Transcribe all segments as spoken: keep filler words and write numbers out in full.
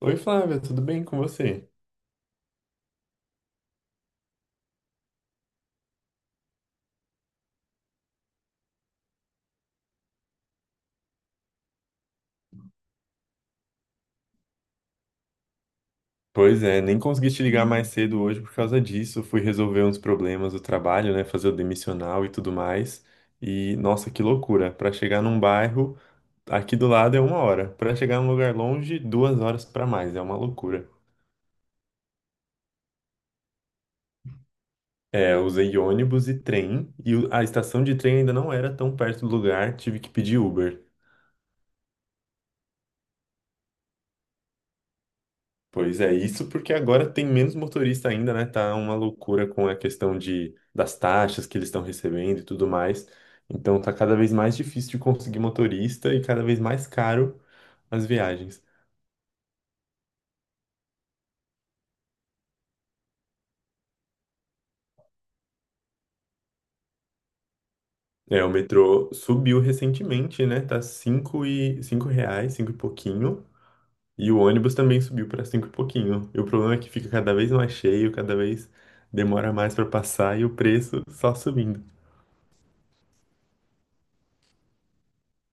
Oi, Flávia, tudo bem com você? Pois é, nem consegui te ligar mais cedo hoje por causa disso. Fui resolver uns problemas do trabalho, né? Fazer o demissional e tudo mais. E nossa, que loucura! Para chegar num bairro aqui do lado é uma hora, para chegar num lugar longe, duas horas para mais. É uma loucura. É, eu usei ônibus e trem e o- a estação de trem ainda não era tão perto do lugar. Tive que pedir Uber. Pois é, isso porque agora tem menos motorista ainda, né? Tá uma loucura com a questão de, das taxas que eles estão recebendo e tudo mais. Então tá cada vez mais difícil de conseguir motorista e cada vez mais caro as viagens. É, o metrô subiu recentemente, né? Tá cinco e cinco reais, cinco e pouquinho. E o ônibus também subiu para cinco e pouquinho. E o problema é que fica cada vez mais cheio, cada vez demora mais para passar e o preço só subindo.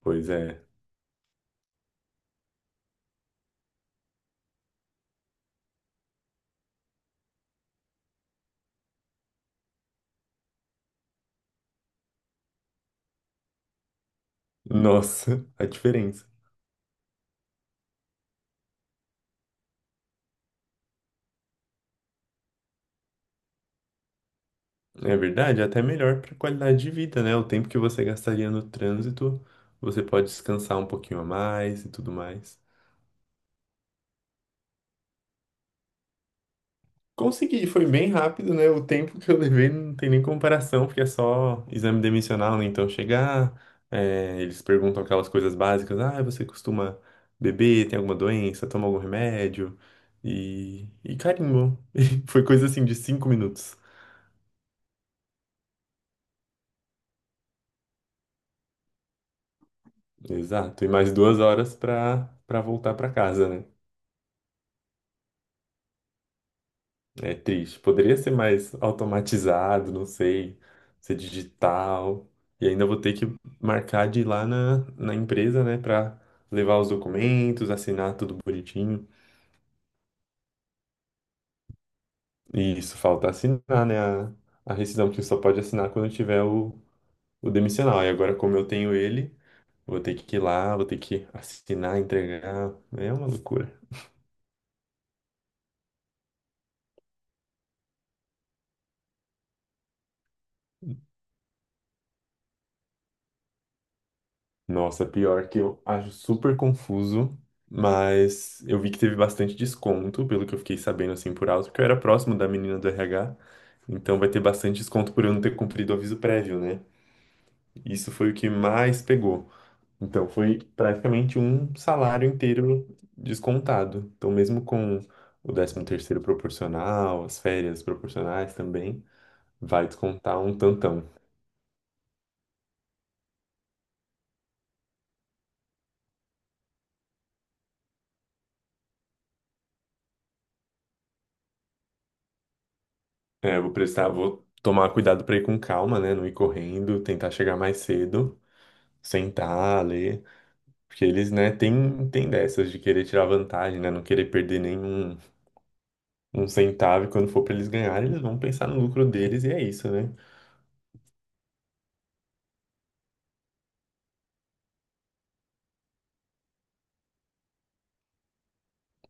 Pois é. Nossa, a diferença. É verdade, é até melhor para qualidade de vida, né? O tempo que você gastaria no trânsito, você pode descansar um pouquinho a mais e tudo mais. Consegui, foi bem rápido, né? O tempo que eu levei não tem nem comparação, porque é só exame demissional, né? Então chegar, é, eles perguntam aquelas coisas básicas, ah, você costuma beber, tem alguma doença, toma algum remédio? E, e carimbo. E foi coisa assim de cinco minutos. Exato, e mais duas horas para para voltar para casa, né? É triste. Poderia ser mais automatizado, não sei, ser digital. E ainda vou ter que marcar de ir lá na, na empresa, né, pra levar os documentos, assinar tudo bonitinho. E isso falta assinar, né, a, a rescisão, que só pode assinar quando tiver o, o demissional. E agora, como eu tenho ele, vou ter que ir lá, vou ter que assinar, entregar. É uma loucura. Nossa, pior que eu acho super confuso, mas eu vi que teve bastante desconto, pelo que eu fiquei sabendo assim por alto, porque eu era próximo da menina do R H, então vai ter bastante desconto por eu não ter cumprido o aviso prévio, né? Isso foi o que mais pegou. Então foi praticamente um salário inteiro descontado. Então mesmo com o décimo terceiro proporcional, as férias proporcionais também, vai descontar um tantão. É, eu vou prestar, vou tomar cuidado pra ir com calma, né? Não ir correndo, tentar chegar mais cedo, sentar, ler. Porque eles, né, tem, tem dessas de querer tirar vantagem, né? Não querer perder nenhum um centavo. E quando for pra eles ganharem, eles vão pensar no lucro deles e é isso, né?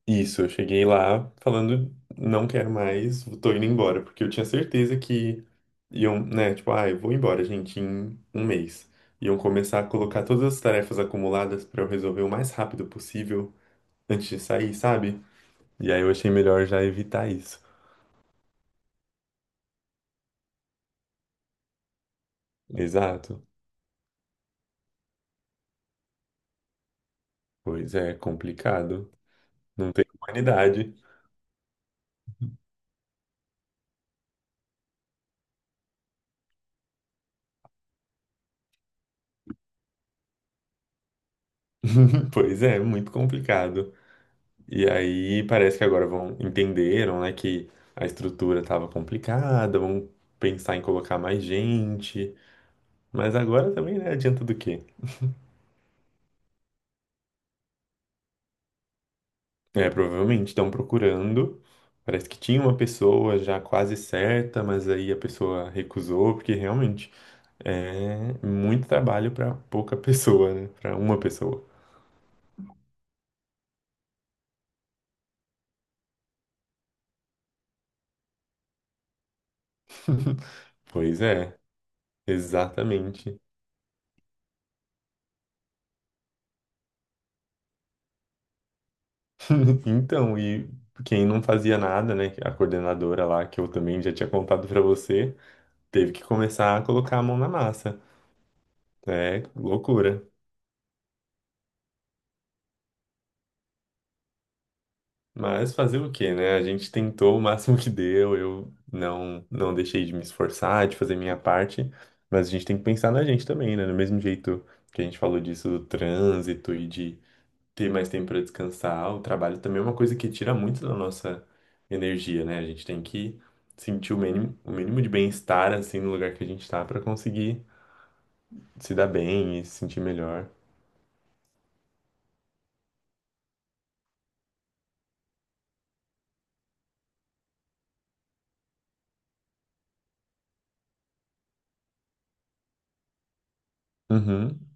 Isso, eu cheguei lá falando, não quero mais, tô indo embora. Porque eu tinha certeza que iam, né? Tipo, ah, eu vou embora, gente, em um mês. Iam começar a colocar todas as tarefas acumuladas pra eu resolver o mais rápido possível antes de sair, sabe? E aí eu achei melhor já evitar isso. Exato. Pois é, complicado. Não tem humanidade. Pois é, muito complicado. E aí parece que agora vão entenderam, né, que a estrutura estava complicada, vão pensar em colocar mais gente. Mas agora também, né, adianta do quê? É, provavelmente estão procurando. Parece que tinha uma pessoa já quase certa, mas aí a pessoa recusou, porque realmente é muito trabalho para pouca pessoa, né? Para uma pessoa. Pois é, exatamente. Então, e quem não fazia nada, né? A coordenadora lá, que eu também já tinha contado para você, teve que começar a colocar a mão na massa. É loucura. Mas fazer o quê, né? A gente tentou o máximo que deu, eu não, não deixei de me esforçar, de fazer minha parte, mas a gente tem que pensar na gente também, né? Do mesmo jeito que a gente falou disso do trânsito e de ter mais tempo para descansar. O trabalho também é uma coisa que tira muito da nossa energia, né? A gente tem que sentir o mínimo, o mínimo de bem-estar assim no lugar que a gente tá para conseguir se dar bem e se sentir melhor. Uhum,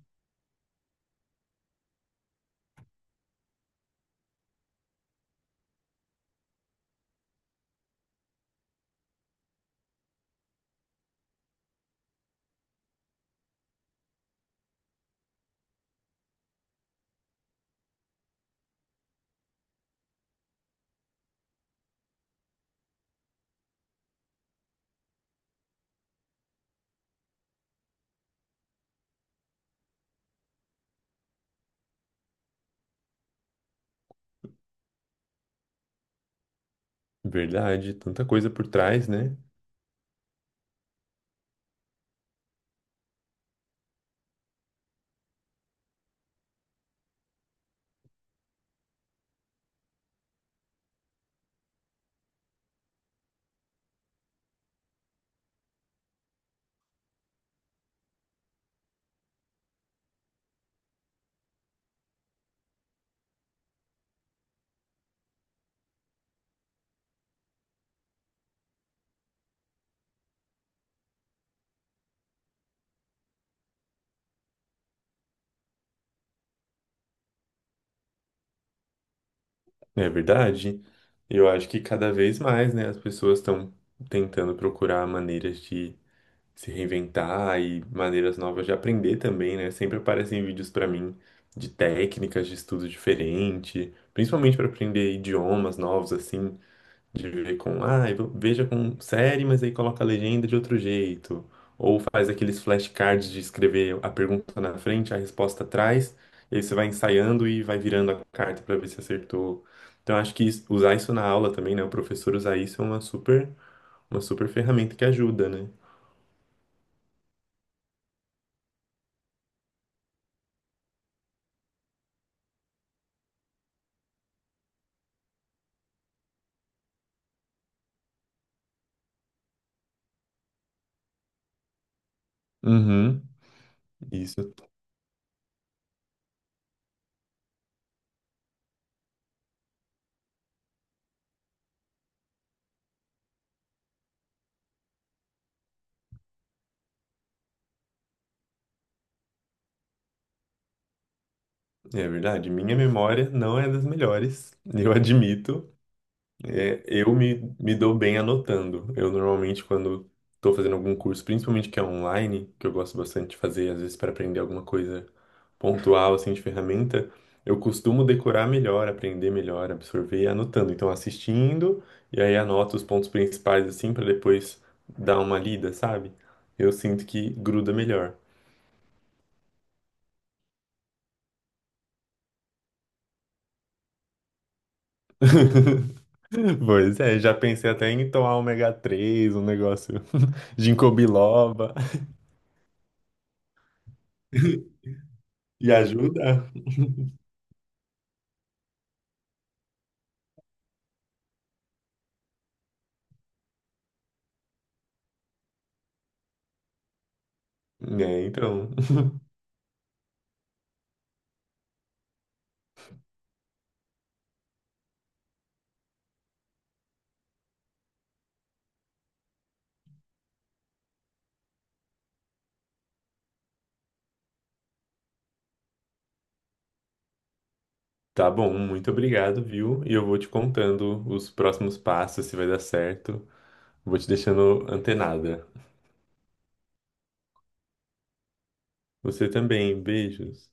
verdade, tanta coisa por trás, né? É verdade. Eu acho que cada vez mais, né, as pessoas estão tentando procurar maneiras de se reinventar e maneiras novas de aprender também, né? Sempre aparecem vídeos para mim de técnicas de estudo diferente, principalmente para aprender idiomas novos assim, de ver com, ah, eu vou- veja com série, mas aí coloca a legenda de outro jeito, ou faz aqueles flashcards de escrever a pergunta na frente, a resposta atrás, e aí você vai ensaiando e vai virando a carta para ver se acertou. Então acho que isso- usar isso na aula também, né? O professor usar isso é uma super, uma super ferramenta que ajuda, né? Uhum. Isso é verdade. Minha memória não é das melhores, eu admito. É, eu me, me dou bem anotando. Eu normalmente, quando estou fazendo algum curso, principalmente que é online, que eu gosto bastante de fazer, às vezes para aprender alguma coisa pontual, assim, de ferramenta, eu costumo decorar melhor, aprender melhor, absorver anotando. Então, assistindo, e aí anoto os pontos principais, assim, para depois dar uma lida, sabe? Eu sinto que gruda melhor. Pois é, já pensei até em tomar ômega três um negócio ginkgo biloba. E ajuda? É, então. Tá bom, muito obrigado, viu? E eu vou te contando os próximos passos, se vai dar certo. Vou te deixando antenada. Você também, beijos.